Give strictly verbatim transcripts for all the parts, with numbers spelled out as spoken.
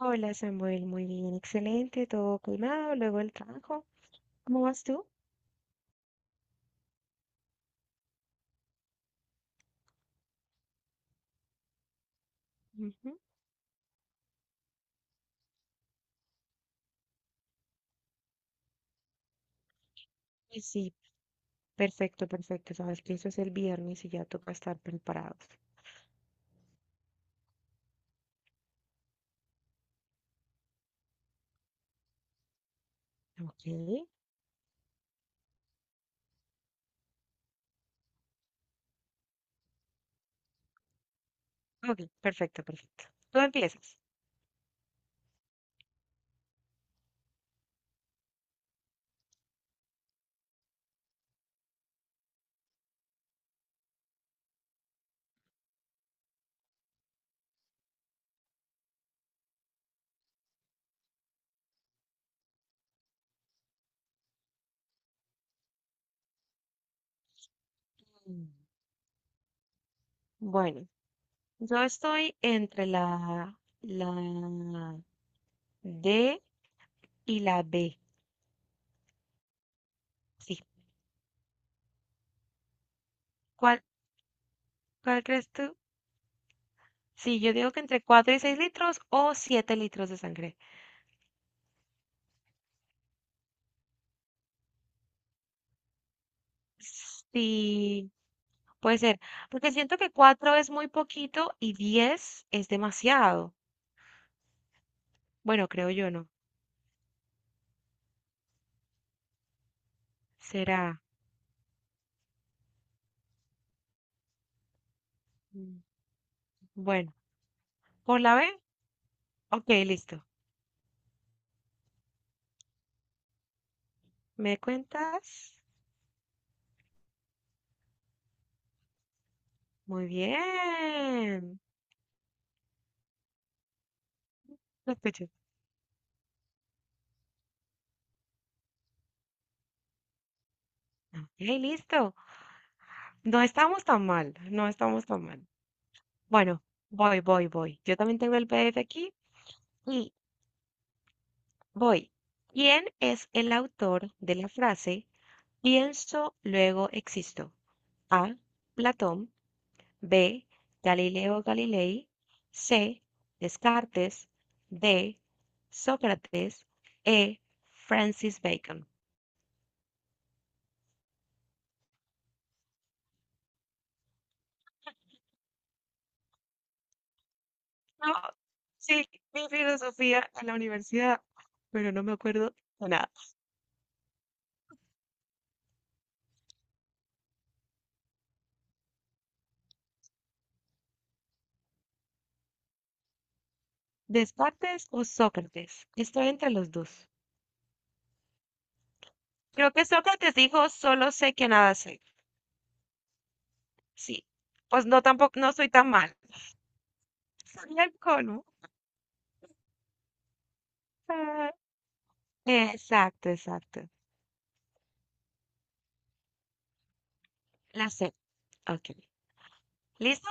Hola Samuel, muy bien, excelente, todo calmado, luego el trabajo. ¿Cómo vas tú? Ujú. Y sí, perfecto, perfecto. Sabes que eso es el viernes y ya toca estar preparados. Ok, ok, perfecto, perfecto. Tú empiezas. Mm. Bueno, yo estoy entre la, la D y la B. Sí. ¿Cuál, cuál crees tú? Sí, yo digo que entre cuatro y seis litros o siete litros de sangre. Sí. Puede ser, porque siento que cuatro es muy poquito y diez es demasiado. Bueno, creo yo no. Será. mm, Bueno, ¿por la B? Ok, listo. ¿Me cuentas? Muy bien. Lo escucho. Ok, listo. No estamos tan mal, no estamos tan mal. Bueno, voy, voy, voy. Yo también tengo el P D F aquí y voy. ¿Quién es el autor de la frase pienso, luego existo? A. Platón. B. Galileo Galilei. C. Descartes. D. Sócrates. E. Francis Bacon. No, sí, mi filosofía en la universidad, pero no me acuerdo de nada. ¿Descartes o Sócrates? Estoy entre los dos. Creo que Sócrates dijo, solo sé que nada sé. Sí, pues no tampoco, no soy tan mal. Soy el cono. Ah, exacto, exacto. La sé. Ok. ¿Listo?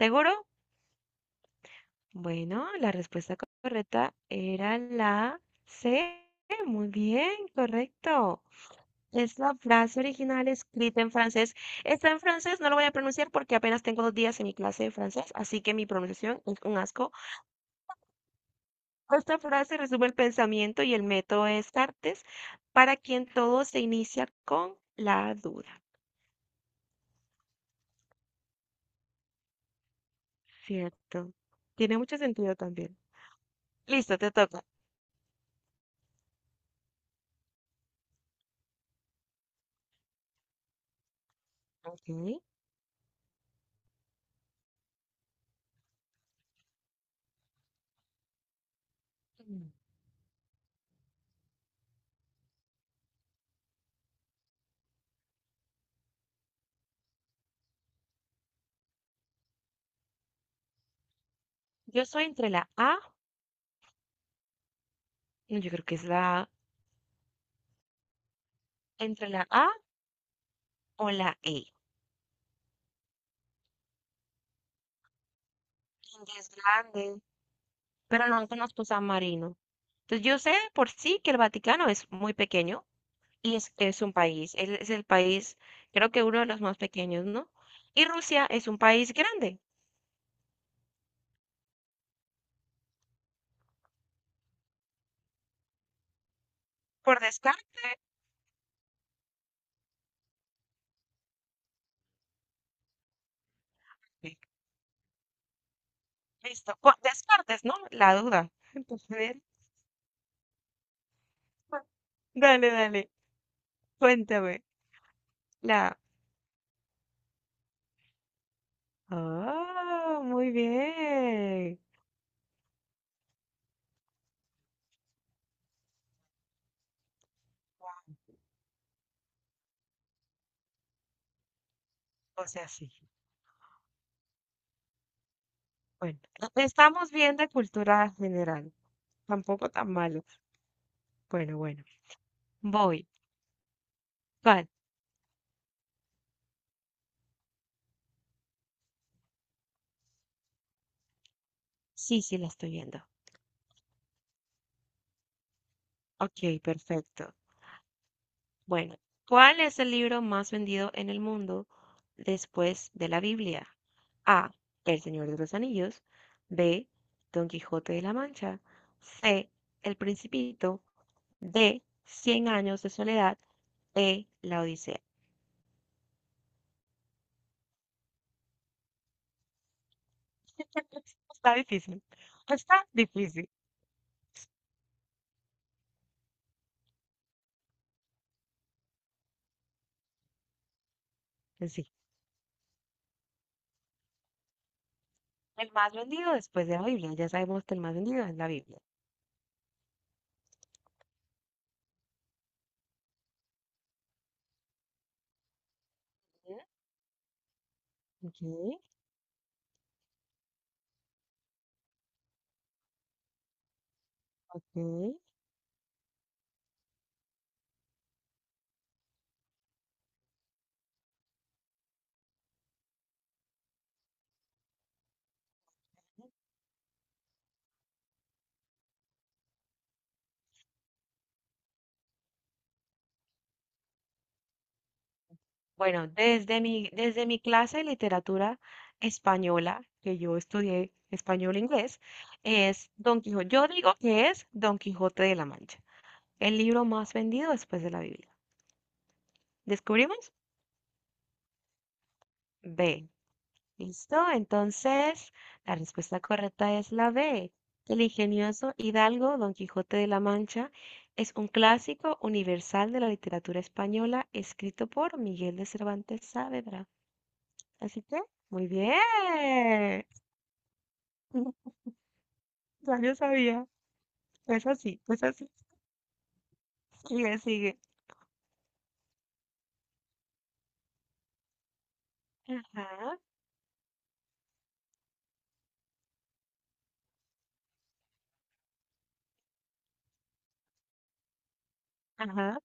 ¿Seguro? Bueno, la respuesta correcta era la C. Muy bien, correcto. Es la frase original escrita en francés. Está en francés, no lo voy a pronunciar porque apenas tengo dos días en mi clase de francés, así que mi pronunciación es un asco. Esta frase resume el pensamiento y el método de Descartes, para quien todo se inicia con la duda. Cierto. Tiene mucho sentido también. Listo, te toca. Ok. Yo soy entre la A, no, yo creo que es la A entre la A o la E. Inglés grande, pero no conozco San Marino. Entonces yo sé por sí que el Vaticano es muy pequeño y es, es un país, él es el país, creo que uno de los más pequeños, ¿no? Y Rusia es un país grande, por descarte. Listo, por descartes, ¿no? La duda. Entonces, a ver, dale, dale, cuéntame. La... Ah, muy bien. O sea, sí. Bueno, estamos bien de cultura general. Tampoco tan malo. Bueno, bueno. Voy. ¿Cuál? Sí, sí, la estoy viendo. Ok, perfecto. Bueno, ¿cuál es el libro más vendido en el mundo después de la Biblia? A. El Señor de los Anillos. B. Don Quijote de la Mancha. C. El Principito. D. Cien años de soledad. E. La Odisea. Está difícil. Está difícil. Sí. El más vendido después de la Biblia. Ya sabemos que el más vendido es la Biblia. Ujú. Ok. Mm. Bueno, desde mi, desde mi clase de literatura española, que yo estudié español-inglés, es Don Quijote. Yo digo que es Don Quijote de la Mancha, el libro más vendido después de la Biblia. ¿Descubrimos? B. ¿Listo? Entonces, la respuesta correcta es la B. El ingenioso hidalgo Don Quijote de la Mancha es un clásico universal de la literatura española escrito por Miguel de Cervantes Saavedra. Así que, muy bien. Ya yo sabía. Es así, es así. Sigue, sigue. Ajá, ajá.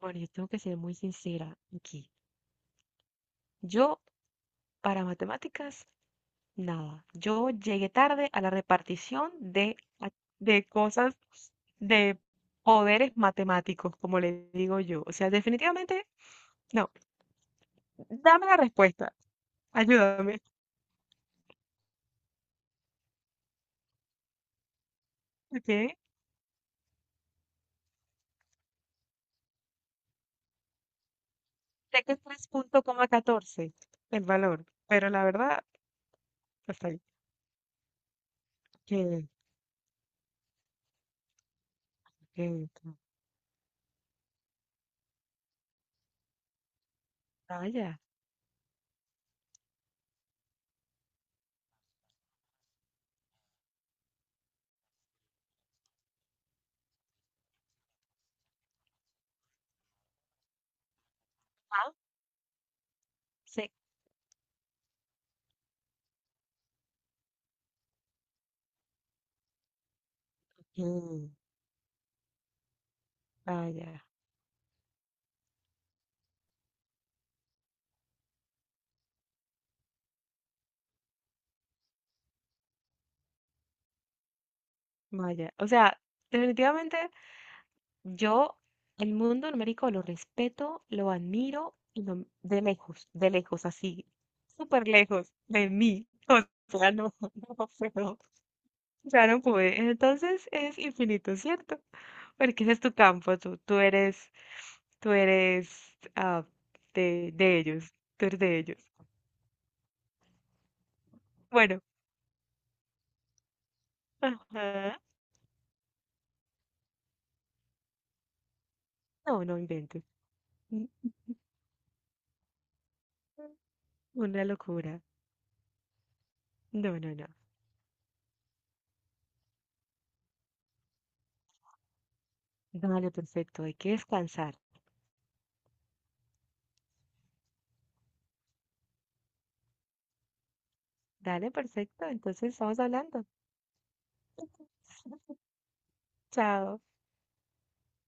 Bueno, yo tengo que ser muy sincera aquí. Yo, para matemáticas, nada. Yo llegué tarde a la repartición de, a- de cosas, de poderes matemáticos, como le digo yo. O sea, definitivamente, no. Dame la respuesta. Ayúdame. ¿Ok? Sé que es tres punto catorce el valor, pero la verdad, o sea, que, que, vaya, ah, sí, que, vaya, vaya. O sea, definitivamente yo el mundo numérico lo respeto, lo admiro y lo- de lejos, de lejos, así, súper lejos de mí. O sea, no, no puedo. Ya no pude. Entonces es infinito, ¿cierto? Porque ese es tu campo, tú, tú eres, tú eres ah, de, de ellos, tú eres de ellos. Bueno, ajá. No, no inventes. Mm, Una locura. No, no, no. Dale, perfecto, hay que descansar. Dale, perfecto. Entonces estamos hablando. Chao.